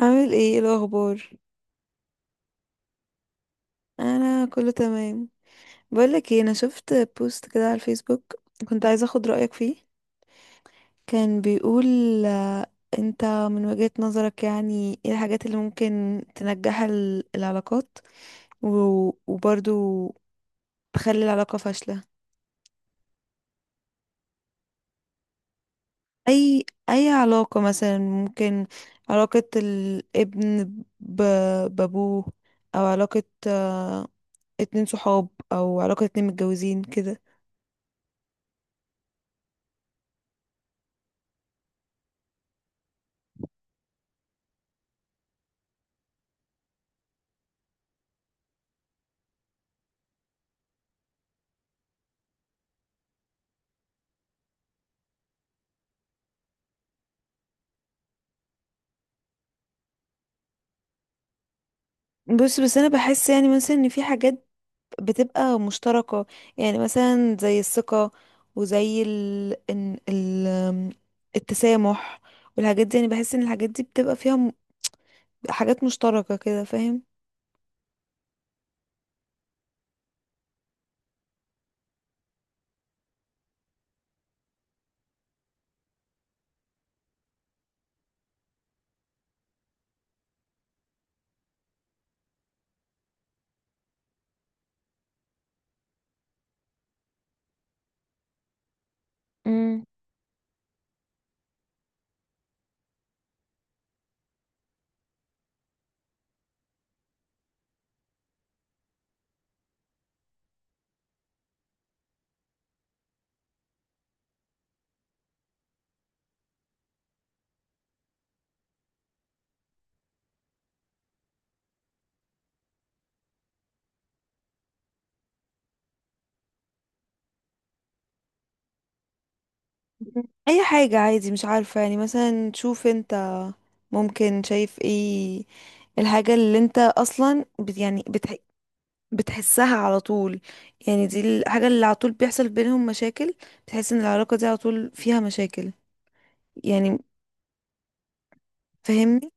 عامل ايه؟ إيه الاخبار؟ انا كله تمام. بقولك ايه، انا شفت بوست كده على الفيسبوك، كنت عايزه اخد رايك فيه. كان بيقول آه، انت من وجهة نظرك يعني ايه الحاجات اللي ممكن تنجح العلاقات، و- وبرضو تخلي العلاقه فاشله؟ اي علاقه مثلا، ممكن علاقه الابن بابوه، او علاقه اتنين صحاب، او علاقه اتنين متجوزين كده. بص، بس انا بحس يعني مثلا ان في حاجات بتبقى مشتركة، يعني مثلا زي الثقة، وزي ال... إن- ال... أم، التسامح والحاجات دي. يعني بحس ان الحاجات دي بتبقى فيها حاجات مشتركة كده، فاهم؟ امم. اي حاجة عادي، مش عارفة، يعني مثلا شوف انت ممكن شايف ايه الحاجة اللي انت اصلا يعني بتحسها على طول، يعني دي الحاجة اللي على طول بيحصل بينهم مشاكل، بتحس ان العلاقة دي على طول فيها مشاكل، يعني، فاهمني؟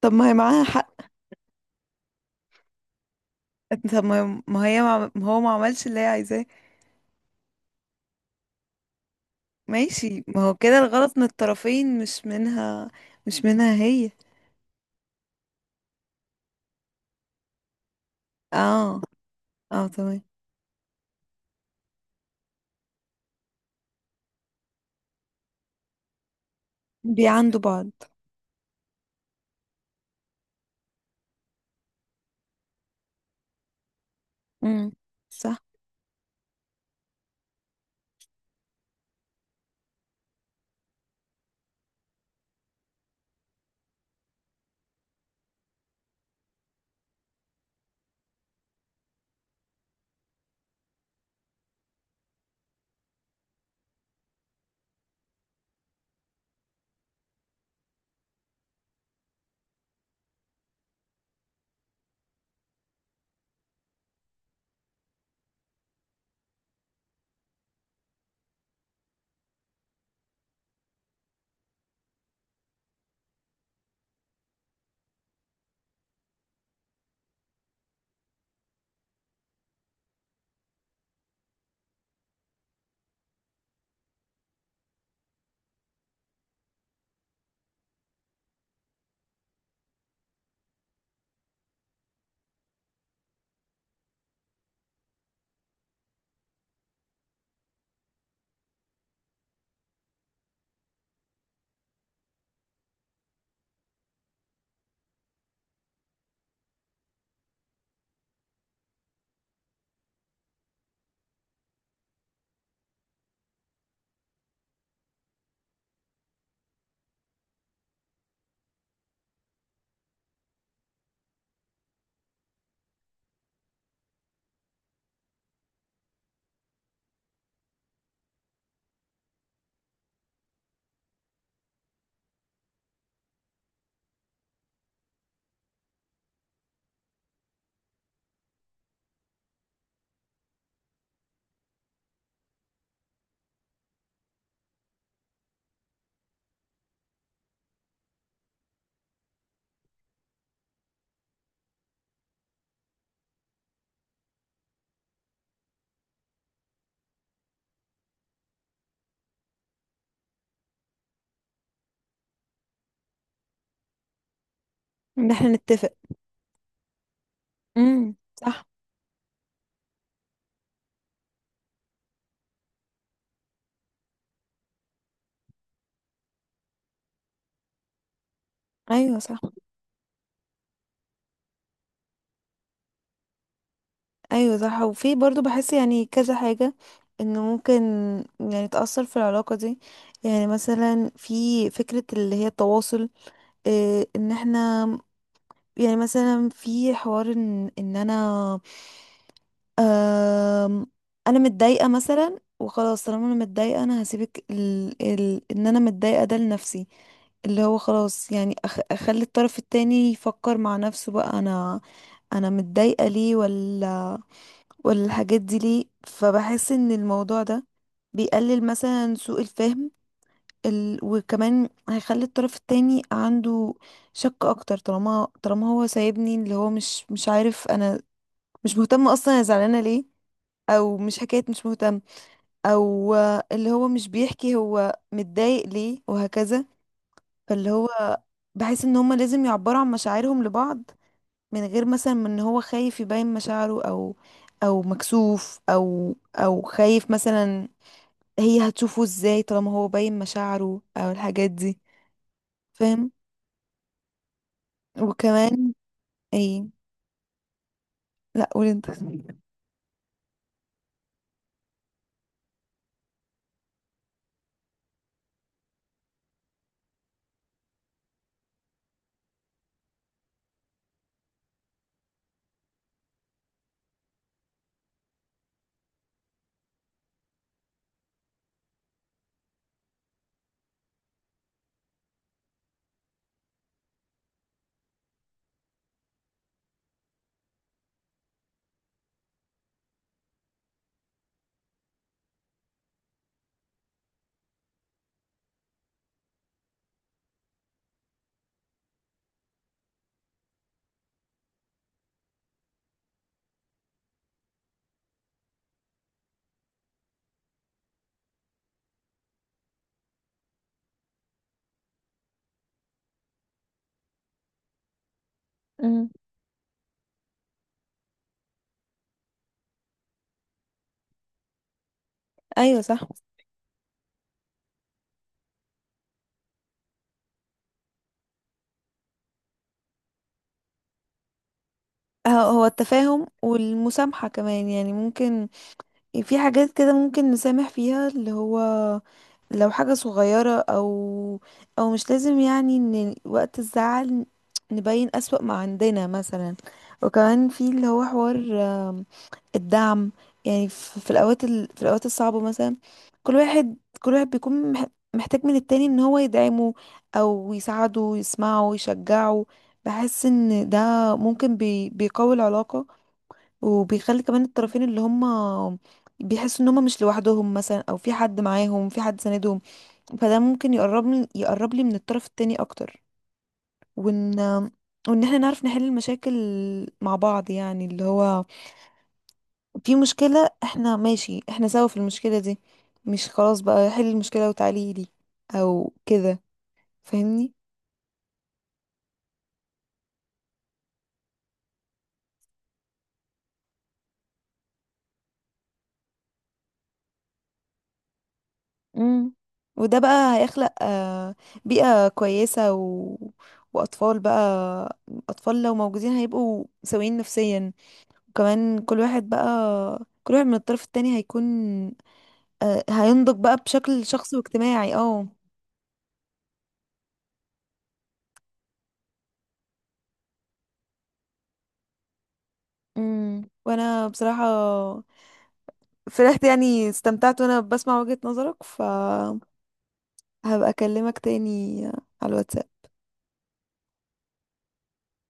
طب ما هي معاها حق. طب ما هي، ما هو ما عملش اللي هي عايزاه. ماشي، ما هو كده الغلط من الطرفين، مش منها. مش منها هي. اه. اه، تمام. بيعندوا بعض. امم، صح. ان احنا نتفق. امم، صح. ايوه، صح. ايوه، صح. وفي برضو بحس يعني كذا حاجة انه ممكن يعني تأثر في العلاقة دي. يعني مثلا في فكرة اللي هي التواصل. إيه، ان احنا يعني مثلا في حوار، ان انا آم، انا متضايقه مثلا، وخلاص طالما انا متضايقه انا هسيبك ان انا متضايقه ده لنفسي، اللي هو خلاص يعني، اخلي الطرف التاني يفكر مع نفسه بقى. انا متضايقه ليه، ولا الحاجات دي ليه. فبحس ان الموضوع ده بيقلل مثلا سوء الفهم، وكمان هيخلي الطرف التاني عنده شك اكتر، طالما هو سايبني، اللي هو مش عارف انا مش مهتم اصلا انا زعلانه ليه، او مش حكايه مش مهتم، او اللي هو مش بيحكي هو متضايق ليه، وهكذا. فاللي هو بحس ان هما لازم يعبروا عن مشاعرهم لبعض، من غير مثلا من ان هو خايف يبين مشاعره، او مكسوف، او خايف مثلا هي هتشوفه ازاي، طالما هو باين مشاعره او الحاجات دي. فاهم؟ وكمان، ايه؟ لا، قول انت. مم. ايوه، صح. هو التفاهم والمسامحة كمان، يعني ممكن في حاجات كده ممكن نسامح فيها، اللي هو لو حاجة صغيرة، او مش لازم يعني ان وقت الزعل نبين أسوأ ما عندنا مثلا. وكمان في اللي هو حوار الدعم، يعني في الاوقات الصعبه مثلا، كل واحد كل واحد بيكون محتاج من التاني ان هو يدعمه او يساعده، يسمعه، يشجعه. بحس ان ده ممكن بيقوي العلاقه، وبيخلي كمان الطرفين اللي هم بيحسوا ان هم مش لوحدهم مثلا، او في حد معاهم، في حد ساندهم. فده ممكن يقرب لي من الطرف التاني اكتر. وان وان احنا نعرف نحل المشاكل مع بعض، يعني اللي هو في مشكلة، احنا ماشي احنا سوا في المشكلة دي، مش خلاص بقى حل المشكلة وتعالي لي او كده. فاهمني؟ امم. وده بقى هيخلق بيئة كويسة، و... وأطفال بقى. أطفال لو موجودين هيبقوا سويين نفسيا. وكمان كل واحد بقى، كل واحد من الطرف التاني هيكون هينضج بقى بشكل شخصي واجتماعي، اه. امم. وانا بصراحة فرحت، يعني استمتعت وانا بسمع وجهة نظرك. هبقى اكلمك تاني على الواتساب.